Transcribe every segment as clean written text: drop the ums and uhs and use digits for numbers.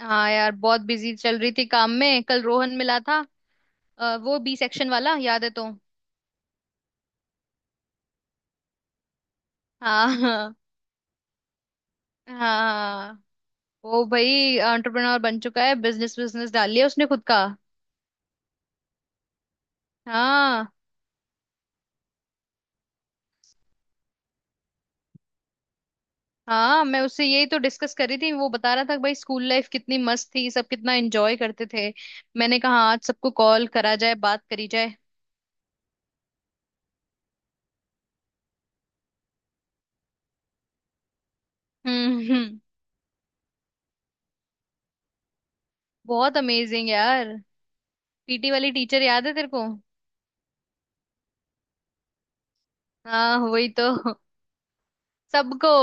हाँ यार, बहुत बिजी चल रही थी काम में। कल रोहन मिला था, वो बी सेक्शन वाला, याद है? तो हाँ हाँ। हाँ, वो भाई एंटरप्रेन्योर बन चुका है, बिजनेस बिजनेस डाल लिया उसने खुद का। हाँ हाँ, मैं उससे यही तो डिस्कस कर रही थी। वो बता रहा था कि भाई स्कूल लाइफ कितनी मस्त थी, सब कितना एंजॉय करते थे। मैंने कहा, "हाँ, आज सबको कॉल करा जाए, बात करी जाए।" हम्म हम्म, बहुत अमेजिंग यार। पीटी वाली टीचर याद है तेरे को? हाँ वही तो। सबको।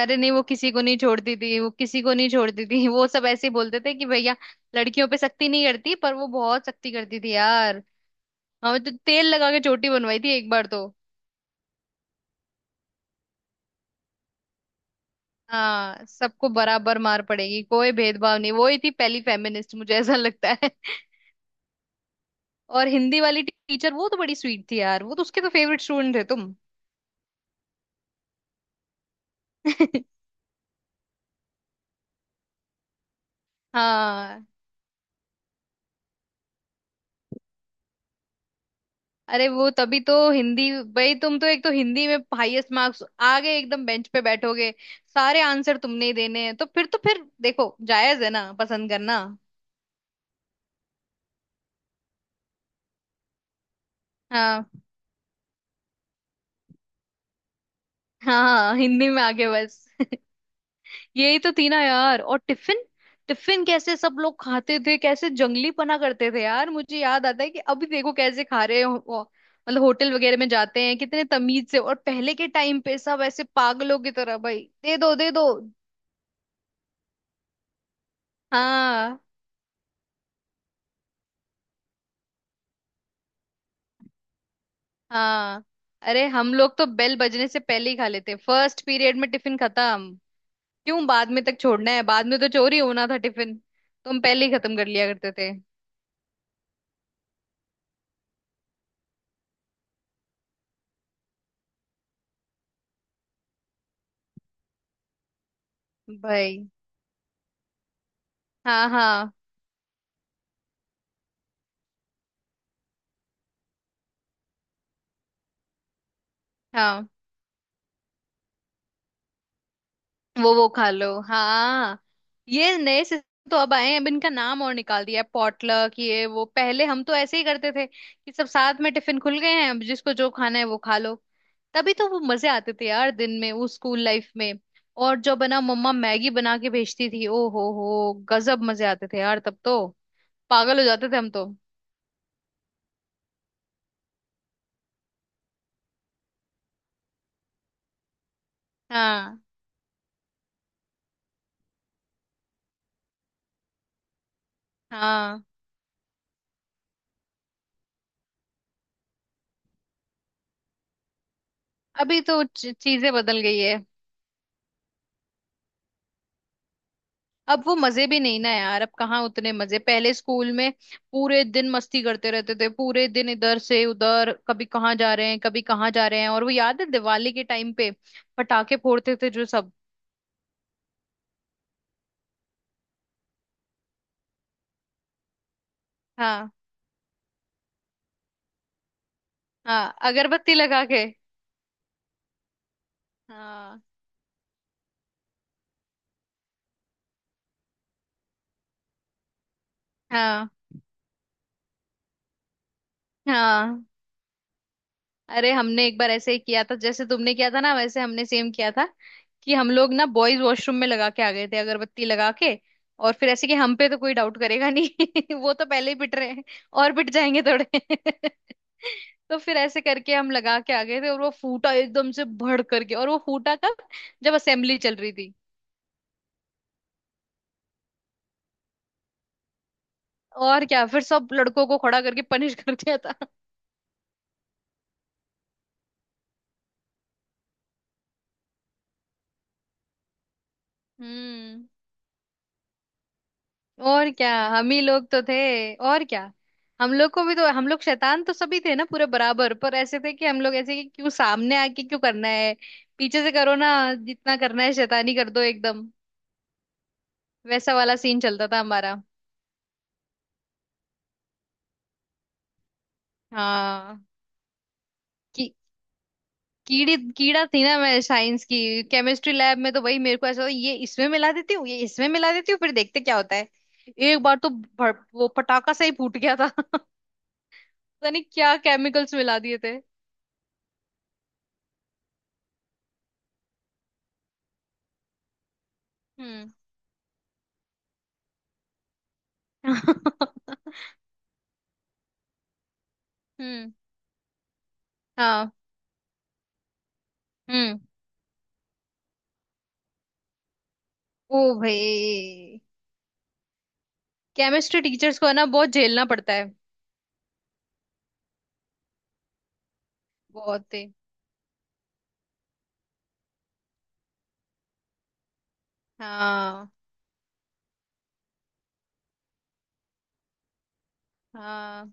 अरे नहीं, वो किसी को नहीं छोड़ती थी, वो किसी को नहीं छोड़ती थी। वो सब ऐसे ही बोलते थे कि भैया लड़कियों पे सख्ती नहीं करती, पर वो बहुत सख्ती करती थी यार। हमें तो तेल लगा के चोटी बनवाई थी एक बार तो। हाँ, सबको बराबर मार पड़ेगी, कोई भेदभाव नहीं। वो ही थी पहली फेमिनिस्ट, मुझे ऐसा लगता है। और हिंदी वाली टीचर, वो तो बड़ी स्वीट थी यार। वो तो, उसके तो फेवरेट स्टूडेंट थे तुम। हाँ। अरे वो तभी तो हिंदी। भाई तुम तो एक तो हिंदी में हाईएस्ट मार्क्स, आगे एकदम बेंच पे बैठोगे, सारे आंसर तुमने ही देने हैं, तो फिर देखो, जायज है ना पसंद करना। हाँ हाँ। हाँ, हिंदी में आगे बस। यही तो थी ना यार। और टिफिन, टिफिन कैसे सब लोग खाते थे, कैसे जंगलीपना करते थे यार। मुझे याद आता है कि अभी देखो कैसे खा रहे हो मतलब होटल वगैरह में जाते हैं कितने तमीज से, और पहले के टाइम पे सब ऐसे पागलों की तरह भाई, दे दो दे दो। हाँ हाँ। अरे हम लोग तो बेल बजने से पहले ही खा लेते, फर्स्ट पीरियड में टिफिन खत्म। क्यों बाद में तक छोड़ना है? बाद में तो चोरी होना था टिफिन, तो हम पहले ही खत्म कर लिया करते थे। भाई। हाँ हाँ। हाँ, वो खा लो, हाँ। ये नए सिस्टम तो अब आए हैं, अब इनका नाम और निकाल दिया है, पॉटलक। ये वो पहले हम तो ऐसे ही करते थे कि सब साथ में टिफिन खुल गए हैं, अब जिसको जो खाना है वो खा लो। तभी तो वो मजे आते थे यार दिन में, वो स्कूल लाइफ में। और जो बना मम्मा मैगी बना के भेजती थी, ओ हो, गजब मजे आते थे यार तब तो। पागल हो जाते थे हम तो। हाँ हाँ। अभी तो चीजें बदल गई है। अब वो मजे भी नहीं ना यार। अब कहाँ उतने मजे, पहले स्कूल में पूरे दिन मस्ती करते रहते थे। पूरे दिन इधर से उधर, कभी कहाँ जा रहे हैं, कभी कहाँ जा रहे हैं। और वो याद है दिवाली के टाइम पे पटाखे फोड़ते थे जो सब। हाँ हाँ, अगरबत्ती लगा के। हाँ हाँ हाँ। अरे हमने एक बार ऐसे ही किया था, जैसे तुमने किया था ना, वैसे हमने सेम किया था कि हम लोग ना बॉयज वॉशरूम में लगा के आ गए थे अगरबत्ती लगा के। और फिर ऐसे कि हम पे तो कोई डाउट करेगा नहीं, वो तो पहले ही पिट रहे हैं, और पिट जाएंगे थोड़े। तो फिर ऐसे करके हम लगा के आ गए थे, और वो फूटा एकदम से भड़ करके। और वो फूटा कब? जब असेंबली चल रही थी। और क्या, फिर सब लड़कों को खड़ा करके पनिश कर दिया था। हम्म। और क्या, हम ही लोग तो थे, और क्या। हम लोग को भी तो, हम लोग शैतान तो सभी थे ना पूरे बराबर, पर ऐसे थे कि हम लोग ऐसे कि क्यों सामने आके क्यों करना है, पीछे से करो ना। जितना करना है शैतानी कर दो एकदम। वैसा वाला सीन चलता था हमारा। हाँ। की, कीड़ी कीड़ा थी ना मैं साइंस की। केमिस्ट्री लैब में तो भाई मेरे को ऐसा होता, ये इसमें मिला देती हूँ, ये इसमें मिला देती हूँ, फिर देखते क्या होता है। एक बार तो भड़, वो पटाखा सा ही फूट गया था। पता नहीं क्या केमिकल्स मिला दिए थे। हम्म। हम्म। हाँ। हम्म। ओ भाई। केमिस्ट्री टीचर्स को है ना बहुत झेलना पड़ता है। बहुत ही। हाँ हाँ,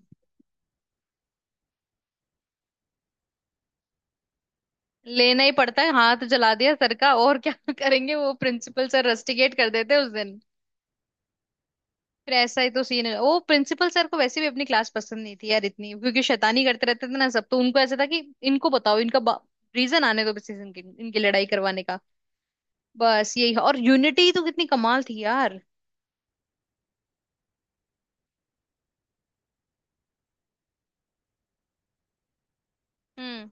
लेना ही पड़ता है। हाथ जला दिया सर का, और क्या करेंगे? वो प्रिंसिपल सर रस्टिकेट कर देते हैं उस दिन। फिर ऐसा ही तो सीन है। वो प्रिंसिपल सर को वैसे भी अपनी क्लास पसंद नहीं थी यार इतनी, क्योंकि शैतानी करते रहते थे ना सब, तो उनको ऐसा था कि इनको बताओ, इनका रीजन आने दो बस, इनकी इनकी लड़ाई करवाने का, बस यही। और यूनिटी तो कितनी कमाल थी यार। हम्म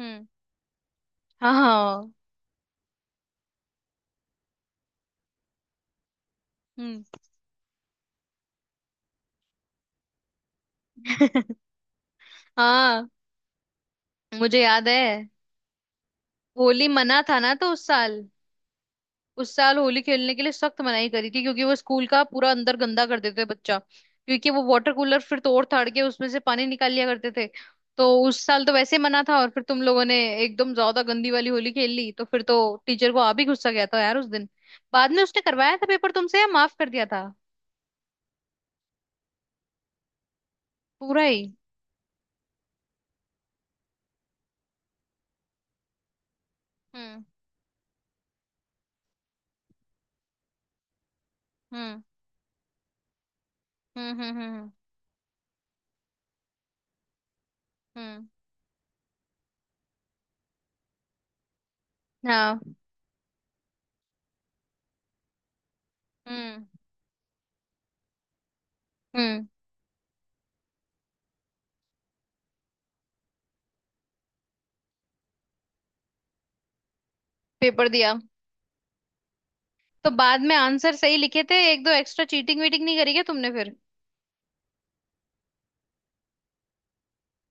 हम्म। हाँ हाँ। हम्म। हाँ, मुझे याद है। होली मना था ना तो उस साल। उस साल होली खेलने के लिए सख्त मनाही करी थी, क्योंकि वो स्कूल का पूरा अंदर गंदा कर देते थे बच्चा, क्योंकि वो वाटर कूलर फिर तोड़ ताड़ के उसमें से पानी निकाल लिया करते थे। तो उस साल तो वैसे मना था, और फिर तुम लोगों ने एकदम ज्यादा गंदी वाली होली खेल ली, तो फिर तो टीचर को आ भी गुस्सा गया था यार उस दिन। बाद में उसने करवाया था पेपर तुमसे या माफ कर दिया था? पूरा ही। हम्म हम्म हम्म हम्म हम्म हम्म, हाँ हम्म हम्म। पेपर दिया। तो बाद में आंसर सही लिखे थे, एक दो एक्स्ट्रा चीटिंग वीटिंग नहीं करी क्या तुमने फिर?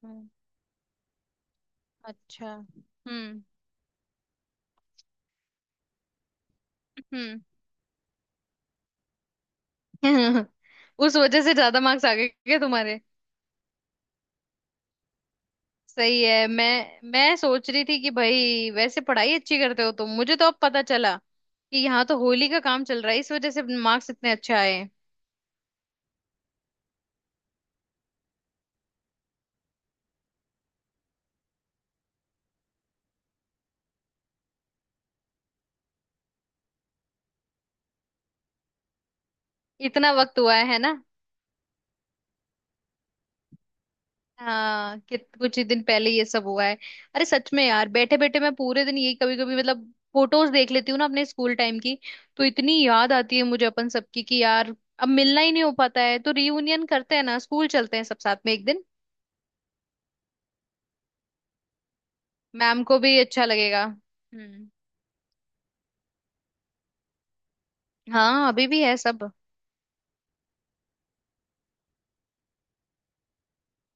हम्म, अच्छा। हम्म हम्म। उस वजह से ज्यादा मार्क्स आ गए क्या तुम्हारे? सही है। मैं सोच रही थी कि भाई वैसे पढ़ाई अच्छी करते हो तुम, मुझे तो अब पता चला कि यहाँ तो होली का काम चल रहा है, इस वजह से मार्क्स इतने अच्छे आए हैं। इतना वक्त हुआ है ना। हाँ, कि कुछ ही दिन पहले ये सब हुआ है। अरे सच में यार, बैठे बैठे मैं पूरे दिन यही, कभी कभी मतलब फोटोज देख लेती हूँ ना अपने स्कूल टाइम की, तो इतनी याद आती है मुझे अपन सबकी कि यार अब मिलना ही नहीं हो पाता है, तो रियूनियन करते हैं ना, स्कूल चलते हैं सब साथ में एक दिन। मैम को भी अच्छा लगेगा। हम्म। हाँ, अभी भी है सब।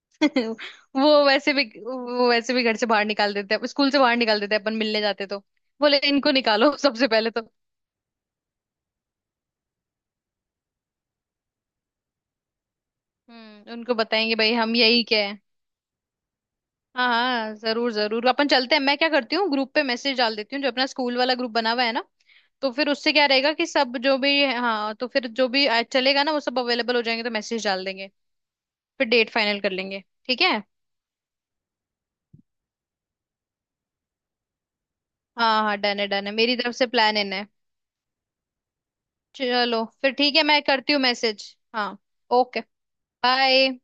वो वैसे भी घर से बाहर निकाल देते हैं, स्कूल से बाहर निकाल देते हैं, अपन मिलने जाते तो बोले इनको निकालो सबसे पहले तो। हम्म, उनको बताएंगे भाई हम यही क्या है। हाँ हाँ जरूर जरूर, अपन चलते हैं। मैं क्या करती हूँ, ग्रुप पे मैसेज डाल देती हूँ, जो अपना स्कूल वाला ग्रुप बना हुआ है ना, तो फिर उससे क्या रहेगा कि सब जो भी हाँ, तो फिर जो भी चलेगा ना वो सब अवेलेबल हो जाएंगे, तो मैसेज डाल देंगे। फिर डेट फाइनल कर लेंगे। ठीक है। हाँ हाँ, डन है डन है, मेरी तरफ से प्लान इन है। चलो फिर ठीक है, मैं करती हूँ मैसेज, हाँ। Okay, bye.